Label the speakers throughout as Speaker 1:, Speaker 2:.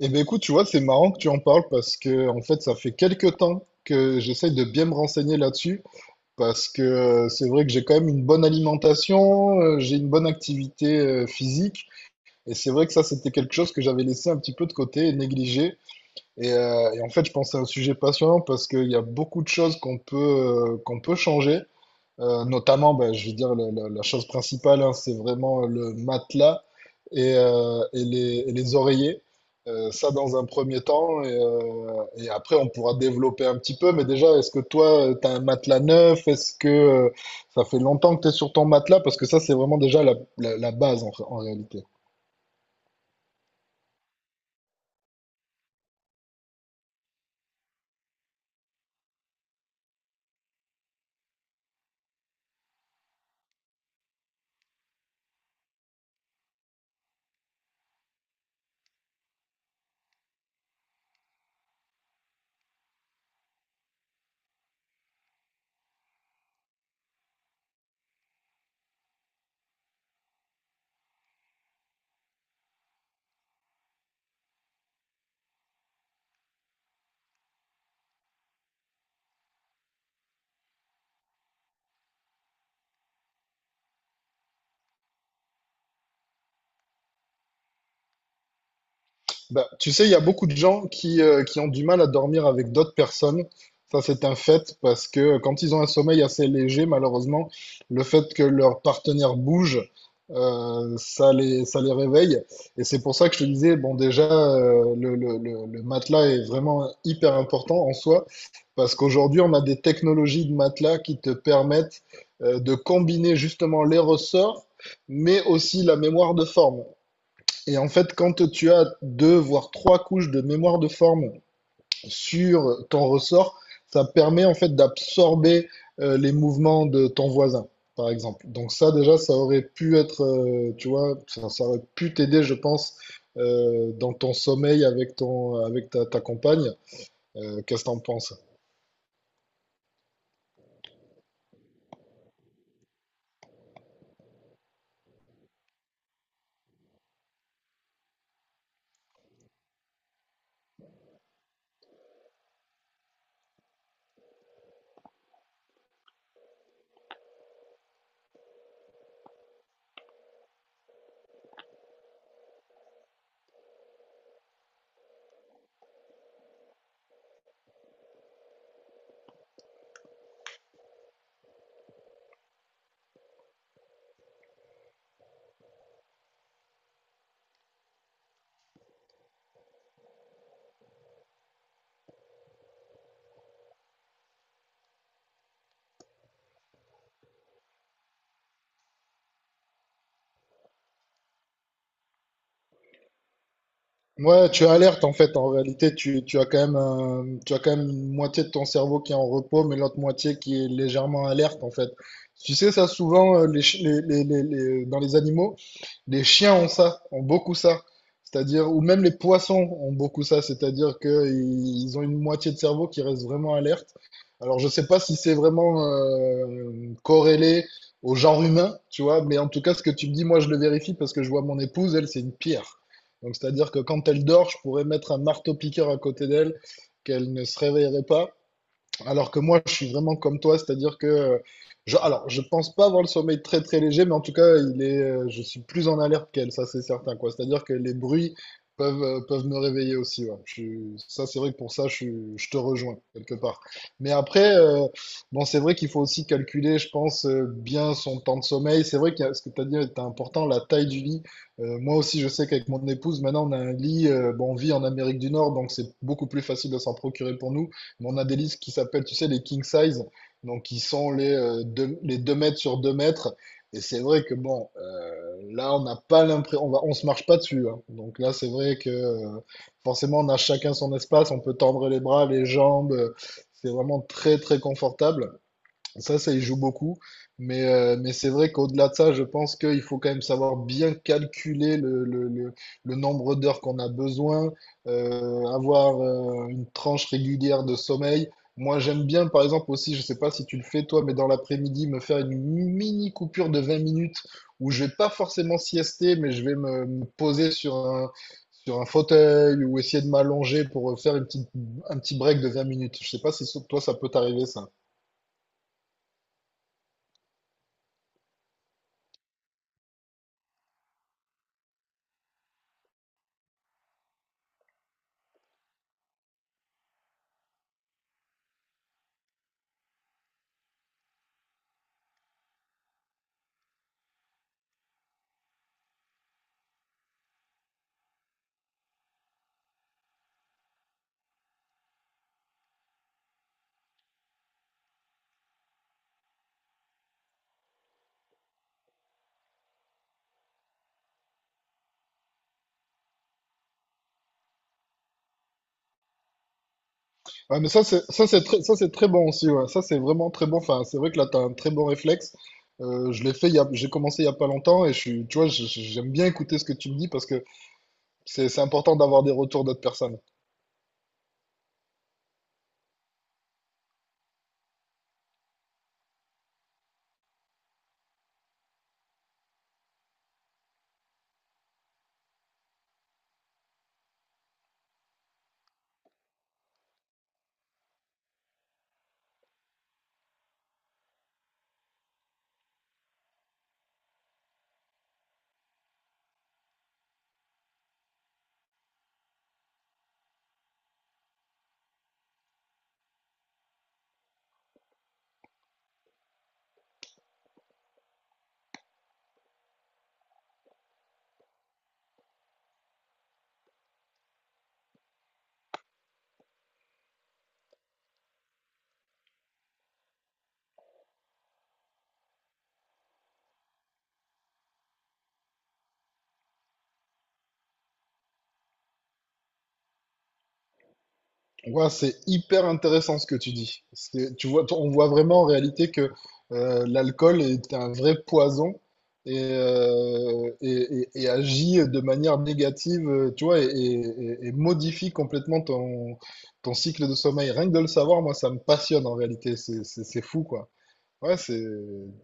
Speaker 1: Eh ben écoute, tu vois, c'est marrant que tu en parles parce que en fait, ça fait quelques temps que j'essaye de bien me renseigner là-dessus parce que c'est vrai que j'ai quand même une bonne alimentation, j'ai une bonne activité physique et c'est vrai que ça, c'était quelque chose que j'avais laissé un petit peu de côté et négligé. Et en fait, je pense que c'est un sujet passionnant parce qu'il y a beaucoup de choses qu'on peut changer notamment, ben, je veux dire, la chose principale, hein, c'est vraiment le matelas et les oreillers. Ça, dans un premier temps. Et après, on pourra développer un petit peu. Mais déjà, est-ce que toi, tu as un matelas neuf? Est-ce que ça fait longtemps que tu es sur ton matelas? Parce que ça, c'est vraiment déjà la base en réalité. Bah, tu sais, il y a beaucoup de gens qui ont du mal à dormir avec d'autres personnes. Ça, c'est un fait parce que quand ils ont un sommeil assez léger, malheureusement, le fait que leur partenaire bouge, ça les réveille. Et c'est pour ça que je te disais, bon, déjà, le matelas est vraiment hyper important en soi parce qu'aujourd'hui, on a des technologies de matelas qui te permettent de combiner justement les ressorts, mais aussi la mémoire de forme. Et en fait, quand tu as deux, voire trois couches de mémoire de forme sur ton ressort, ça permet en fait d'absorber les mouvements de ton voisin, par exemple. Donc ça, déjà, ça aurait pu être, tu vois, ça aurait pu t'aider, je pense, dans ton sommeil avec ta compagne. Qu'est-ce que t'en penses? Ouais, tu alertes en fait. En réalité, tu as quand même un- tu as quand même une moitié de ton cerveau qui est en repos, mais l'autre moitié qui est légèrement alerte en fait. Tu sais ça souvent les, chi- les- dans les animaux, les chiens ont ça, ont beaucoup ça. C'est-à-dire, ou même les poissons ont beaucoup ça. C'est-à-dire qu'ils ont une moitié de cerveau qui reste vraiment alerte alors, je sais pas si c'est vraiment corrélé au genre humain, tu vois, mais en tout cas, ce que tu me dis, moi, je le vérifie parce que je vois mon épouse, elle, c'est une pierre. Donc, c'est-à-dire que quand elle dort, je pourrais mettre un marteau-piqueur à côté d'elle, qu'elle ne se réveillerait pas. Alors que moi, je suis vraiment comme toi, c'est-à-dire que alors, je pense pas avoir le sommeil très très léger, mais en tout cas, je suis plus en alerte qu'elle, ça c'est certain, quoi. C'est-à-dire que les bruits peuvent, peuvent me réveiller aussi, ouais. Ça c'est vrai que pour ça, je te rejoins quelque part. Mais après, bon, c'est vrai qu'il faut aussi calculer, je pense, bien son temps de sommeil. C'est vrai que ce que tu as dit est important, la taille du lit. Moi aussi, je sais qu'avec mon épouse, maintenant, on a un lit, bon, on vit en Amérique du Nord, donc c'est beaucoup plus facile de s'en procurer pour nous. Mais on a des listes qui s'appellent, tu sais, les king size, donc qui sont les 2 mètres sur 2 mètres. Et c'est vrai que bon, là, on n'a pas l'impression, on se marche pas dessus, hein. Donc là, c'est vrai que forcément, on a chacun son espace, on peut tendre les bras, les jambes. C'est vraiment très, très confortable. Ça y joue beaucoup. Mais c'est vrai qu'au-delà de ça, je pense qu'il faut quand même savoir bien calculer le nombre d'heures qu'on a besoin, avoir une tranche régulière de sommeil. Moi, j'aime bien, par exemple, aussi, je ne sais pas si tu le fais toi, mais dans l'après-midi, me faire une mini coupure de 20 minutes où je vais pas forcément siester, mais je vais me poser sur un fauteuil ou essayer de m'allonger pour faire un petit break de 20 minutes. Je ne sais pas si toi, ça peut t'arriver, ça. Ah, mais ça, c'est très bon aussi, ouais. Ça, c'est vraiment très bon. Enfin, c'est vrai que là, t'as un très bon réflexe. Je l'ai fait, j'ai commencé il y a pas longtemps et je suis, tu vois, j'aime bien écouter ce que tu me dis parce que c'est important d'avoir des retours d'autres personnes. Ouais, c'est hyper intéressant ce que tu dis. Tu vois, on voit vraiment en réalité que l'alcool est un vrai poison et agit de manière négative, tu vois, et modifie complètement ton, ton cycle de sommeil. Rien que de le savoir, moi, ça me passionne en réalité. C'est fou, quoi. Ouais, c'est,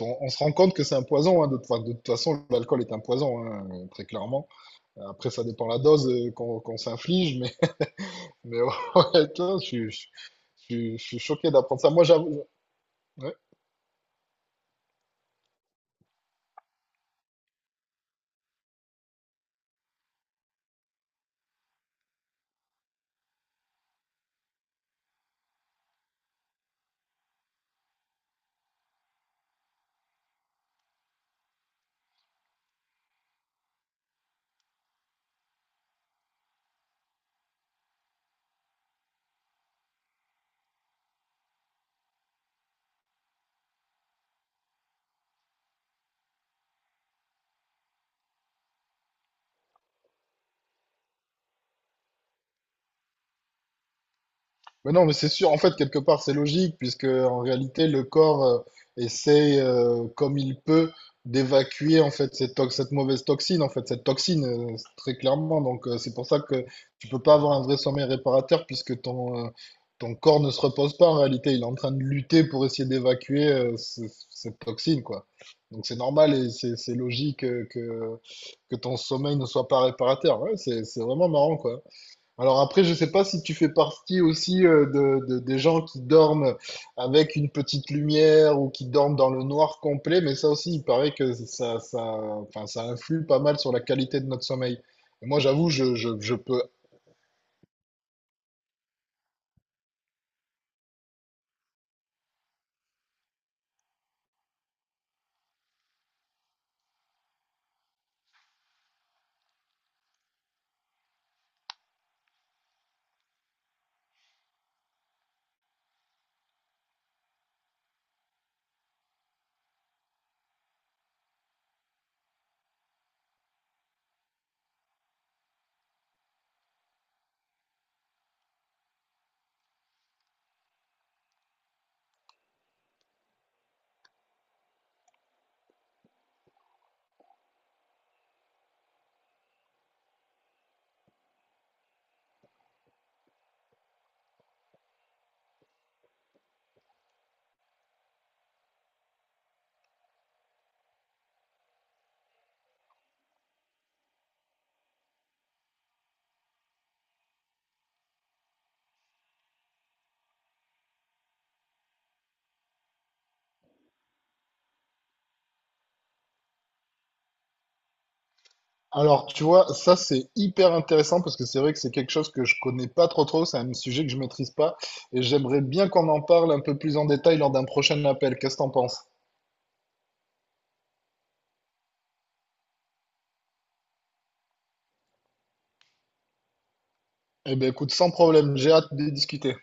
Speaker 1: on se rend compte que c'est un poison, hein, de, enfin, de toute façon, l'alcool est un poison, hein, très clairement. Après, ça dépend la dose qu'on s'inflige, mais ouais, attends, je suis choqué d'apprendre ça. Moi, j'avoue. Ouais. Mais non, mais c'est sûr, en fait, quelque part, c'est logique, puisque en réalité, le corps essaie, comme il peut, d'évacuer en fait cette mauvaise toxine, en fait, cette toxine, très clairement. Donc, c'est pour ça que tu peux pas avoir un vrai sommeil réparateur, puisque ton corps ne se repose pas en réalité. Il est en train de lutter pour essayer d'évacuer cette toxine, quoi. Donc, c'est normal et c'est logique que ton sommeil ne soit pas réparateur. Ouais, c'est vraiment marrant, quoi. Alors après, je ne sais pas si tu fais partie aussi des gens qui dorment avec une petite lumière ou qui dorment dans le noir complet, mais ça aussi, il paraît que ça influe pas mal sur la qualité de notre sommeil. Et moi, j'avoue, je peux. Alors, tu vois, ça, c'est hyper intéressant parce que c'est vrai que c'est quelque chose que je connais pas trop, c'est un sujet que je maîtrise pas et j'aimerais bien qu'on en parle un peu plus en détail lors d'un prochain appel. Qu'est-ce que t'en penses? Eh ben, écoute, sans problème, j'ai hâte de discuter.